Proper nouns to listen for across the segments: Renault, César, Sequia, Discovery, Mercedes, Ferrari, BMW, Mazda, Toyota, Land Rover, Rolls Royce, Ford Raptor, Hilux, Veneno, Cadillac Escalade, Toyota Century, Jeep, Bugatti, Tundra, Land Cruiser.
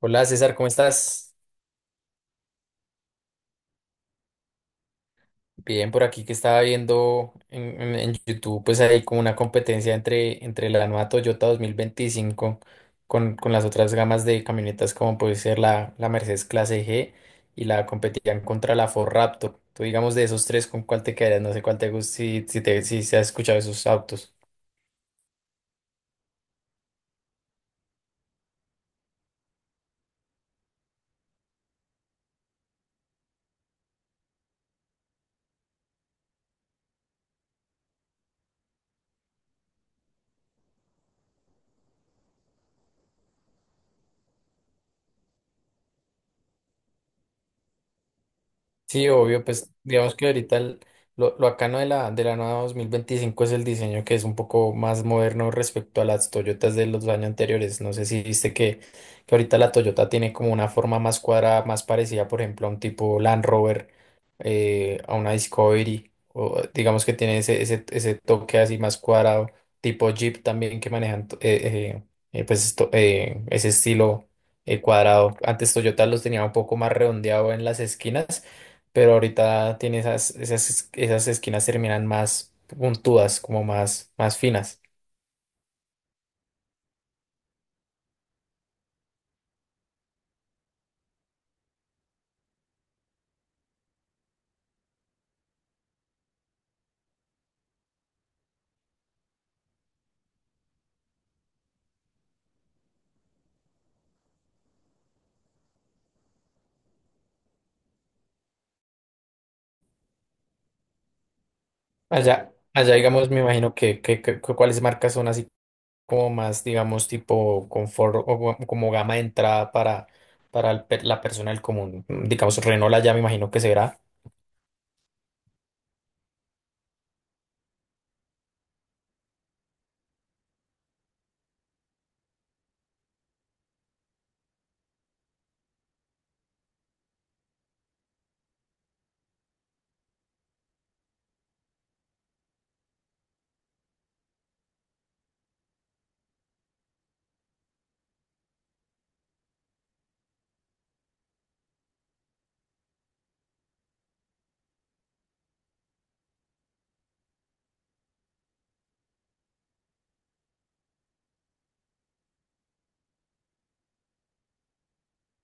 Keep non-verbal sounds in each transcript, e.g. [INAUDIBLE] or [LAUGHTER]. Hola César, ¿cómo estás? Bien, por aquí que estaba viendo en YouTube, pues hay como una competencia entre la nueva Toyota 2025 con las otras gamas de camionetas como puede ser la Mercedes Clase G y la competían contra la Ford Raptor. Tú digamos de esos tres, ¿con cuál te quedarías? No sé cuál te gusta, si se has escuchado esos autos. Sí, obvio, pues digamos que lo bacano de la nueva 2025 es el diseño que es un poco más moderno respecto a las Toyotas de los años anteriores. No sé si viste que ahorita la Toyota tiene como una forma más cuadrada, más parecida, por ejemplo, a un tipo Land Rover, a una Discovery, o digamos que tiene ese toque así más cuadrado, tipo Jeep también que manejan ese estilo cuadrado. Antes Toyota los tenía un poco más redondeado en las esquinas, pero ahorita tiene esas esquinas terminan más puntudas, como más, más finas. Allá, allá, digamos, me imagino que cuáles marcas son así como más, digamos, tipo confort o como gama de entrada para, para la persona del común. Mm, digamos, Renault allá me imagino que será.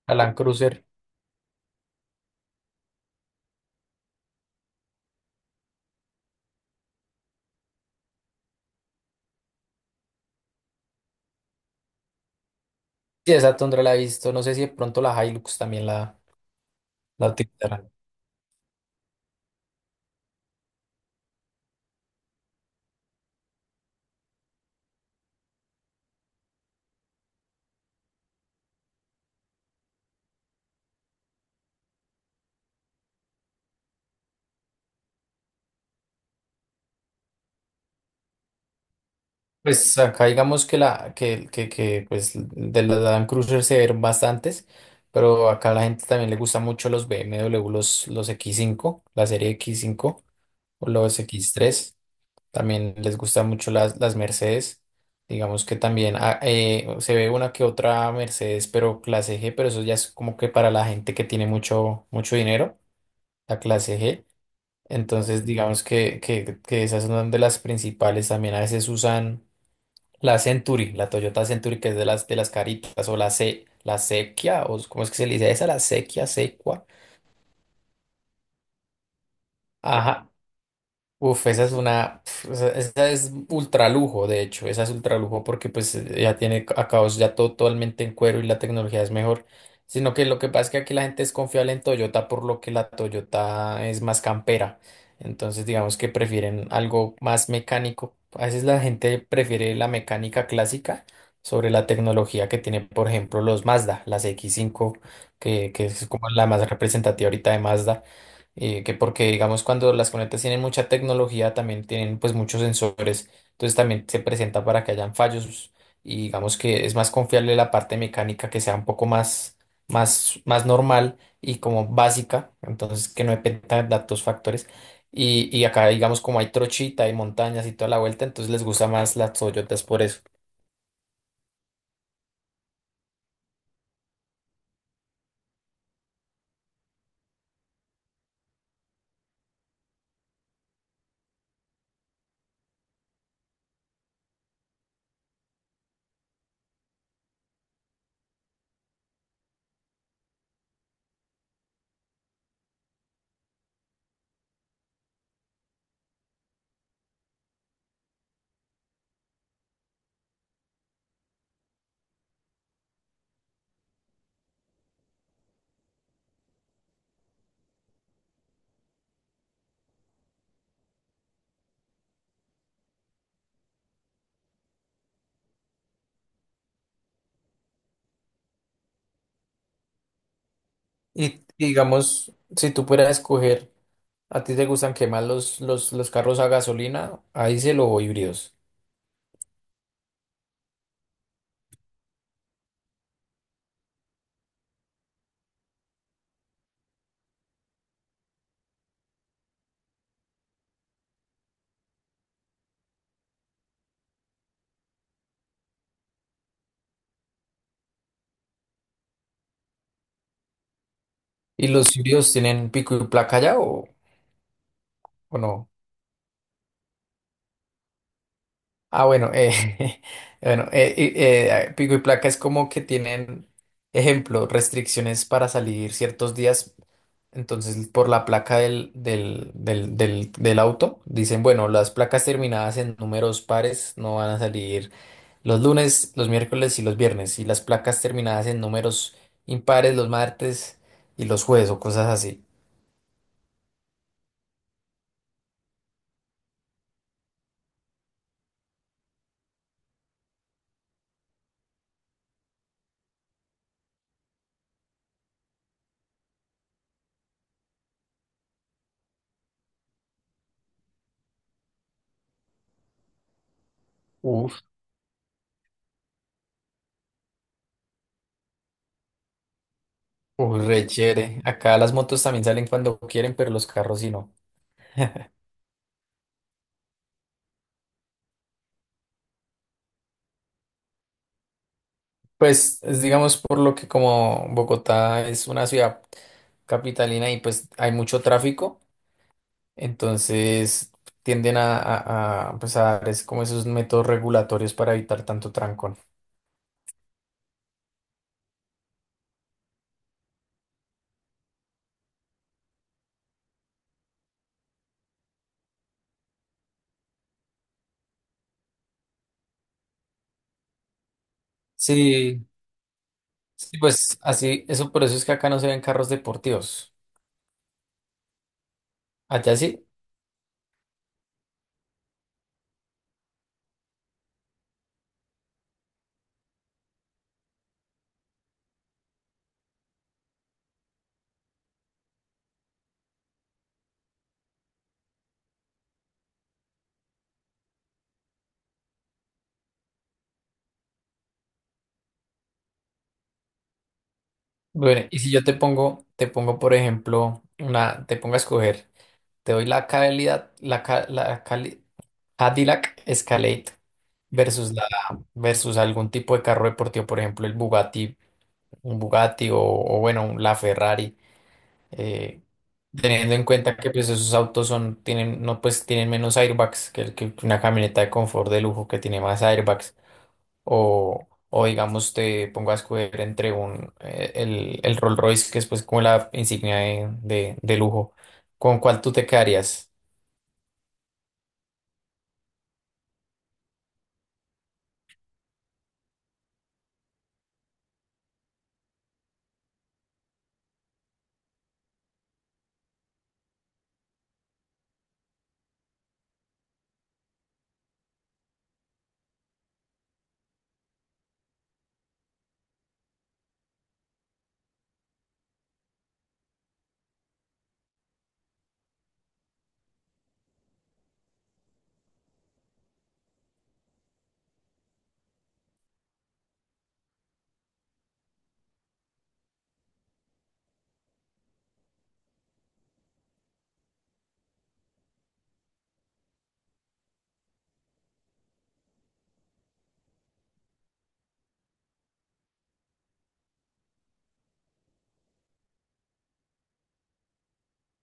La Land Cruiser. Sí, esa Tundra la he visto. No sé si de pronto la Hilux también la utilizarán. Pues acá digamos que pues de las Land Cruiser se ven bastantes, pero acá a la gente también le gusta mucho los BMW, los X5, la serie X5 o los X3. También les gusta mucho las Mercedes. Digamos que también se ve una que otra Mercedes, pero clase G, pero eso ya es como que para la gente que tiene mucho, mucho dinero, la clase G. Entonces digamos que esas son de las principales. También a veces usan la Century, la Toyota Century, que es de las caritas, o la C, la Sequia, o ¿cómo es que se le dice esa? La Sequia, Secua. Ajá, uf, esa es una, pf, esa es ultra lujo, de hecho, esa es ultra lujo porque pues ya tiene acabados ya todo totalmente en cuero y la tecnología es mejor, sino que lo que pasa es que aquí la gente es confiable en Toyota por lo que la Toyota es más campera, entonces digamos que prefieren algo más mecánico, a veces la gente prefiere la mecánica clásica sobre la tecnología que tiene, por ejemplo, los Mazda, las X5, que es como la más representativa ahorita de Mazda que porque digamos cuando las conectas tienen mucha tecnología también tienen pues muchos sensores, entonces también se presenta para que hayan fallos y digamos que es más confiable la parte mecánica que sea un poco más, más normal y como básica, entonces que no dependa de datos factores. Y acá digamos como hay trochita y montañas y toda la vuelta, entonces les gusta más las Toyotas por eso. Y digamos, si tú pudieras escoger, ¿a ti te gustan que más los carros a gasolina, ahí se o híbridos? ¿Y los sirios tienen pico y placa ya o no? Ah, bueno, [LAUGHS] bueno, pico y placa es como que tienen, ejemplo, restricciones para salir ciertos días. Entonces, por la placa del auto, dicen, bueno, las placas terminadas en números pares no van a salir los lunes, los miércoles y los viernes. Y las placas terminadas en números impares los martes y los jueves o cosas así. Uy, re chévere. Acá las motos también salen cuando quieren, pero los carros sí no. Pues es, digamos por lo que como Bogotá es una ciudad capitalina y pues hay mucho tráfico, entonces tienden pues, a dar es como esos métodos regulatorios para evitar tanto trancón. Sí, sí, pues así, eso por eso es que acá no se ven carros deportivos. Allá sí. Bueno, y si yo te pongo por ejemplo, una, te pongo a escoger. Te doy la calidad, la Cadillac Escalade versus la versus algún tipo de carro deportivo, por ejemplo, el Bugatti, un Bugatti o, bueno, la Ferrari, eh, teniendo en cuenta que pues esos autos son tienen no pues tienen menos airbags que una camioneta de confort de lujo que tiene más airbags o digamos te pongo a escoger entre un el Rolls Royce que es pues como la insignia de de lujo, ¿con cuál tú te quedarías?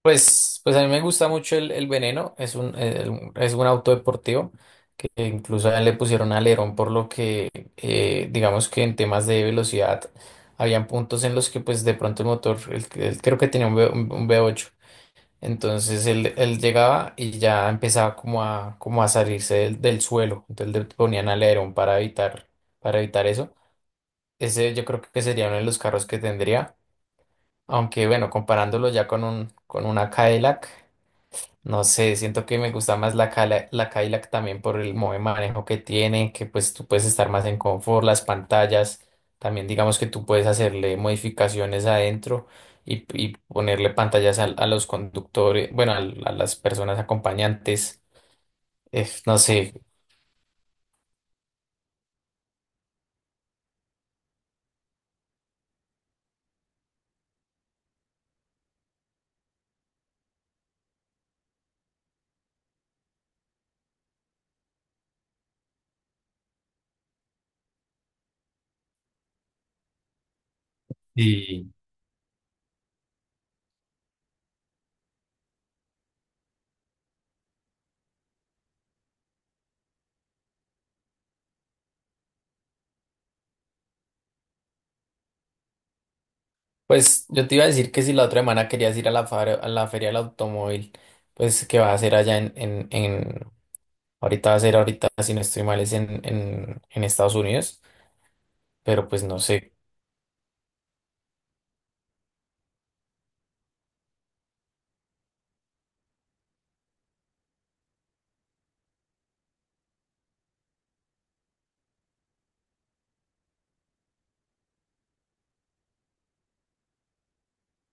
Pues a mí me gusta mucho el Veneno, es un, es un auto deportivo que incluso a él le pusieron alerón por lo que digamos que en temas de velocidad habían puntos en los que pues de pronto el motor, creo que tenía un, un V8, entonces él llegaba y ya empezaba como a, como a salirse del, del suelo, entonces le ponían alerón para evitar eso. Ese yo creo que sería uno de los carros que tendría, aunque bueno, comparándolo ya con un, con una Cadillac. No sé, siento que me gusta más la Cadillac también por el modo de manejo que tiene, que pues tú puedes estar más en confort, las pantallas, también digamos que tú puedes hacerle modificaciones adentro y ponerle pantallas a los conductores, bueno, a las personas acompañantes, no sé, y pues yo te iba a decir que si la otra semana querías ir a a la feria del automóvil, pues que va a hacer allá en, ahorita va a ser ahorita, si no estoy mal, es en, en Estados Unidos. Pero pues no sé.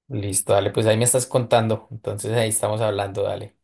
Listo, dale, pues ahí me estás contando. Entonces ahí estamos hablando, dale.